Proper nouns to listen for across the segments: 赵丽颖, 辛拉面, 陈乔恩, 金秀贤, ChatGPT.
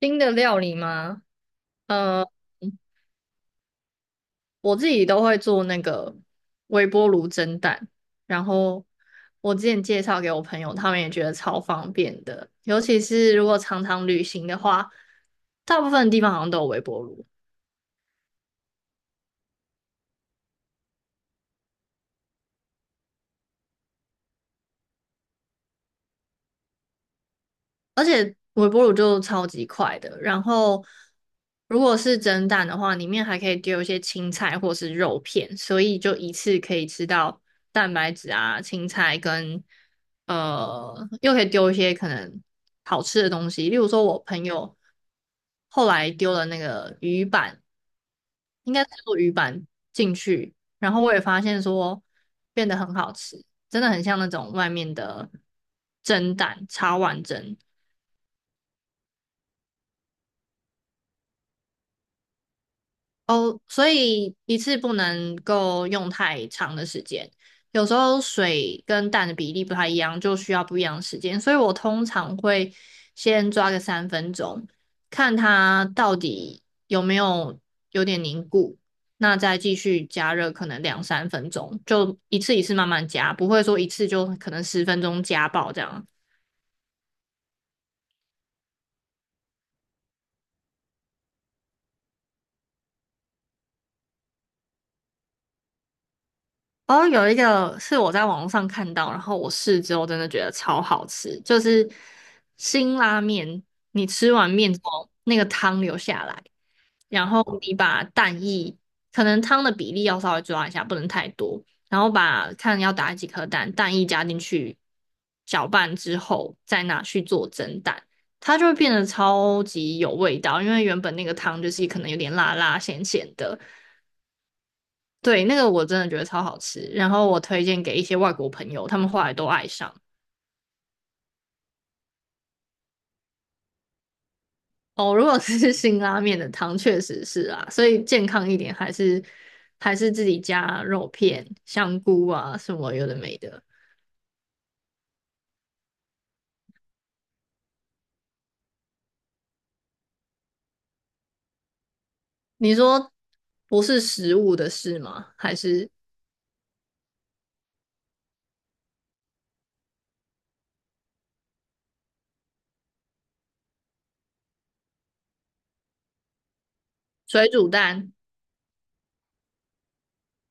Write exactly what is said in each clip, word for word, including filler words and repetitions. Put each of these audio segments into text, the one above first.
新的料理吗？呃，我自己都会做那个微波炉蒸蛋，然后我之前介绍给我朋友，他们也觉得超方便的，尤其是如果常常旅行的话，大部分地方好像都有微波炉。微波炉就超级快的。然后，如果是蒸蛋的话，里面还可以丢一些青菜或是肉片，所以就一次可以吃到蛋白质啊、青菜跟呃，又可以丢一些可能好吃的东西，例如说我朋友后来丢了那个鱼板，应该是做鱼板进去，然后我也发现说变得很好吃。真的很像那种外面的蒸蛋，茶碗蒸。哦，所以一次不能够用太长的时间，有时候水跟蛋的比例不太一样，就需要不一样的时间，所以我通常会先抓个三分钟，看它到底有没有有点凝固，那再继续加热，可能两三分钟，就一次一次慢慢加，不会说一次就可能十分钟加爆这样。哦，有一个是我在网络上看到，然后我试之后真的觉得超好吃，就是辛拉面，你吃完面之后，那个汤留下来，然后你把蛋液，可能汤的比例要稍微抓一下，不能太多，然后把看要打几颗蛋，蛋液加进去，搅拌之后再拿去做蒸蛋，它就会变得超级有味道，因为原本那个汤就是可能有点辣辣咸咸的。对，那个我真的觉得超好吃，然后我推荐给一些外国朋友，他们后来都爱上。哦，如果是 辛拉面的汤，确实是啊，所以健康一点还是还是自己加肉片、香菇啊什么有的没的。你说不是食物的事吗？还是水煮蛋？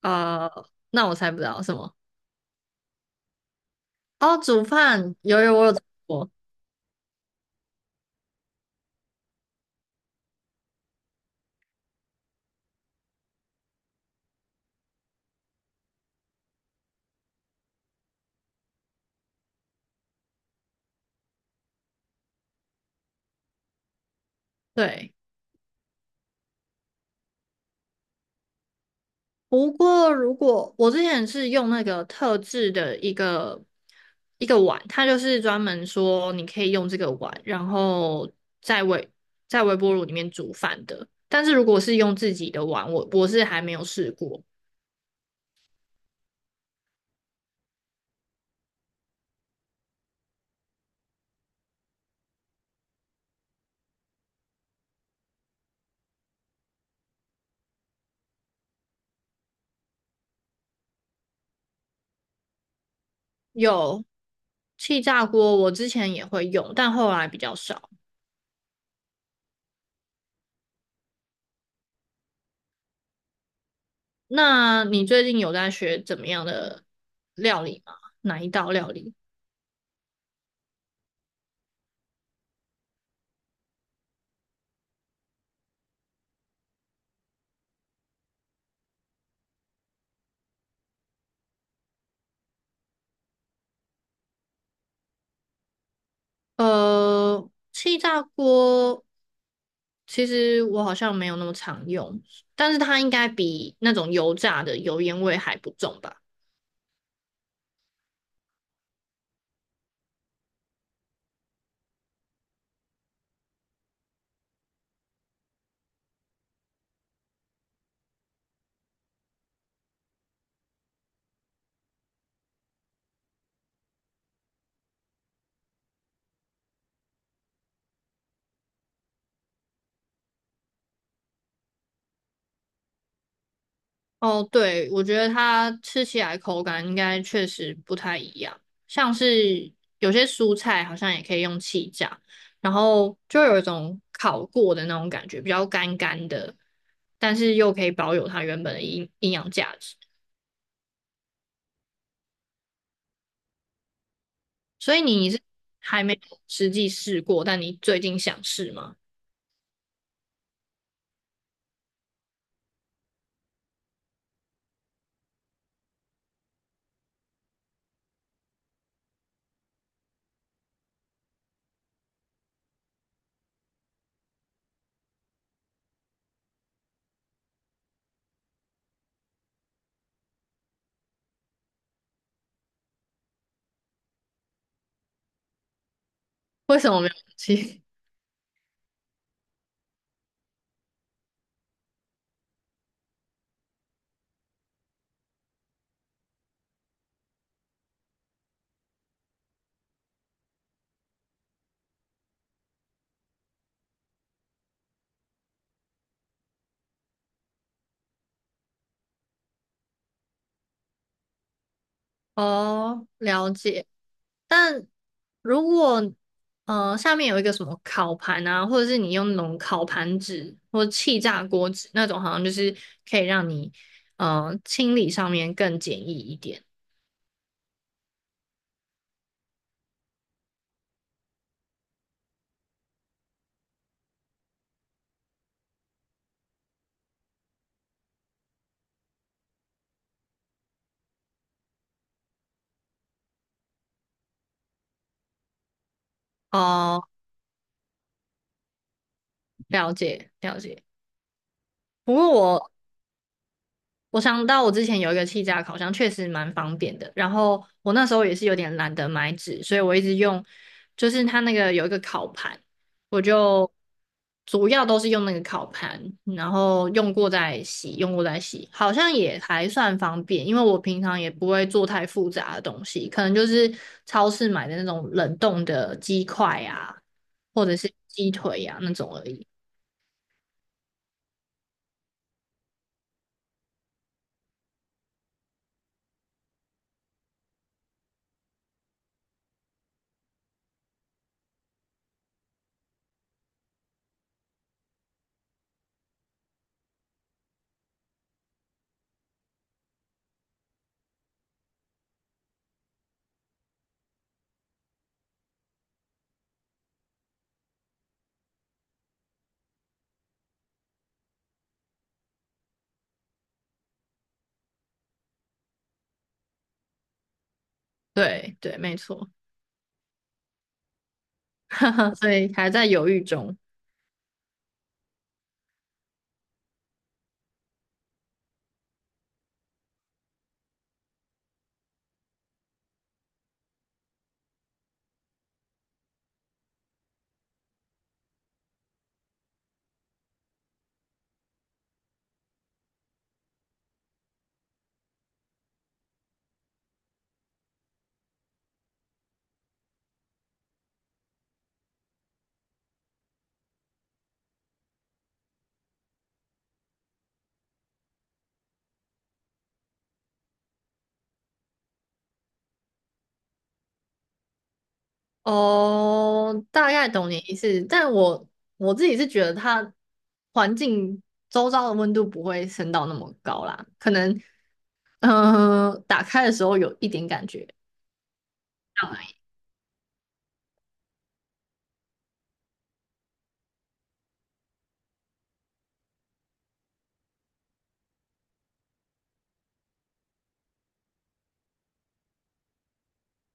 呃，那我猜不到什么。哦，煮饭，有有我有做过，对。不过，如果我之前是用那个特制的一个一个碗，它就是专门说你可以用这个碗，然后在微在微波炉里面煮饭的。但是如果是用自己的碗，我我是还没有试过。有气炸锅，我之前也会用，但后来比较少。那你最近有在学怎么样的料理吗？哪一道料理？呃，气炸锅其实我好像没有那么常用，但是它应该比那种油炸的油烟味还不重吧？哦，对，我觉得它吃起来口感应该确实不太一样，像是有些蔬菜好像也可以用气炸，然后就有一种烤过的那种感觉，比较干干的，但是又可以保有它原本的营营养价值。所以你是还没有实际试过，但你最近想试吗？为什么没有勇气？哦，了解。但如果呃下面有一个什么烤盘啊，或者是你用那种烤盘纸或气炸锅纸那种，好像就是可以让你呃清理上面更简易一点。哦，了解了解。不过我我想到我之前有一个气炸烤箱，确实蛮方便的。然后我那时候也是有点懒得买纸，所以我一直用，就是它那个有一个烤盘，我就主要都是用那个烤盘，然后用过再洗，用过再洗，好像也还算方便。因为我平常也不会做太复杂的东西，可能就是超市买的那种冷冻的鸡块啊，或者是鸡腿呀、啊、那种而已。对对，没错，所以还在犹豫中。哦，大概懂你意思，但我我自己是觉得它环境周遭的温度不会升到那么高啦，可能嗯、呃打开的时候有一点感觉，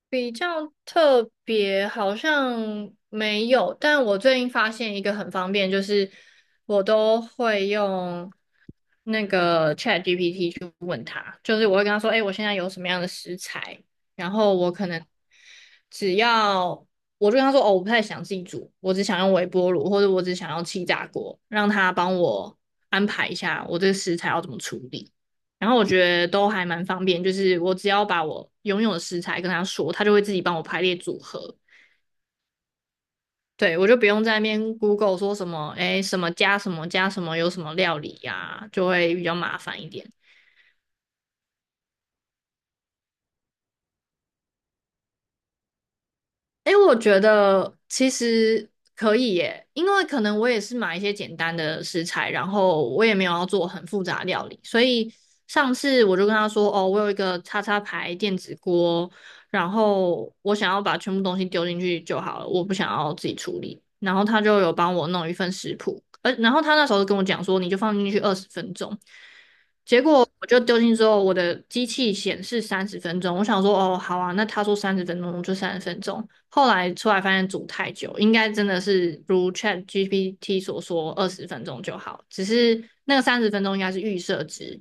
比较特别好像没有，但我最近发现一个很方便，就是我都会用那个 ChatGPT 去问他，就是我会跟他说，哎、我现在有什么样的食材，然后我可能只要我就跟他说，哦，我不太想自己煮，我只想用微波炉，或者我只想要气炸锅，让他帮我安排一下我这个食材要怎么处理。然后我觉得都还蛮方便，就是我只要把我拥有的食材跟他说，他就会自己帮我排列组合。对，我就不用在那边 Google 说什么，哎，什么加什么加什么有什么料理呀、就会比较麻烦一点。哎，我觉得其实可以耶，因为可能我也是买一些简单的食材，然后我也没有要做很复杂的料理，所以上次我就跟他说，哦，我有一个叉叉牌电子锅，然后我想要把全部东西丢进去就好了，我不想要自己处理。然后他就有帮我弄一份食谱，呃，然后他那时候跟我讲说，你就放进去二十分钟。结果我就丢进去之后，我的机器显示三十分钟，我想说，哦，好啊，那他说三十分钟就三十分钟。后来出来发现煮太久，应该真的是如 Chat G P T 所说二十分钟就好，只是那个三十分钟应该是预设值。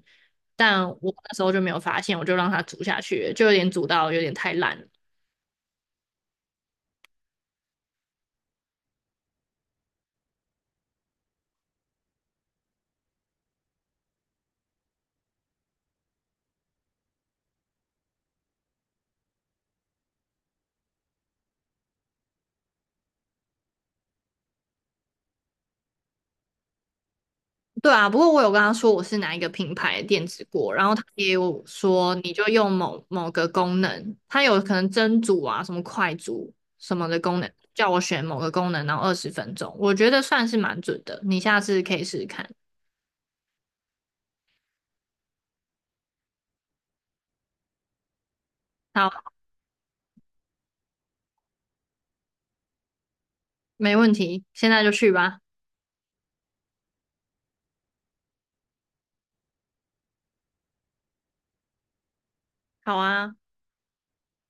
但我那时候就没有发现，我就让它煮下去，就有点煮到有点太烂了。对啊，不过我有跟他说我是哪一个品牌的电子锅，然后他也有说你就用某某个功能，它有可能蒸煮啊、什么快煮什么的功能，叫我选某个功能，然后二十分钟，我觉得算是蛮准的，你下次可以试试看。好，没问题，现在就去吧。好啊。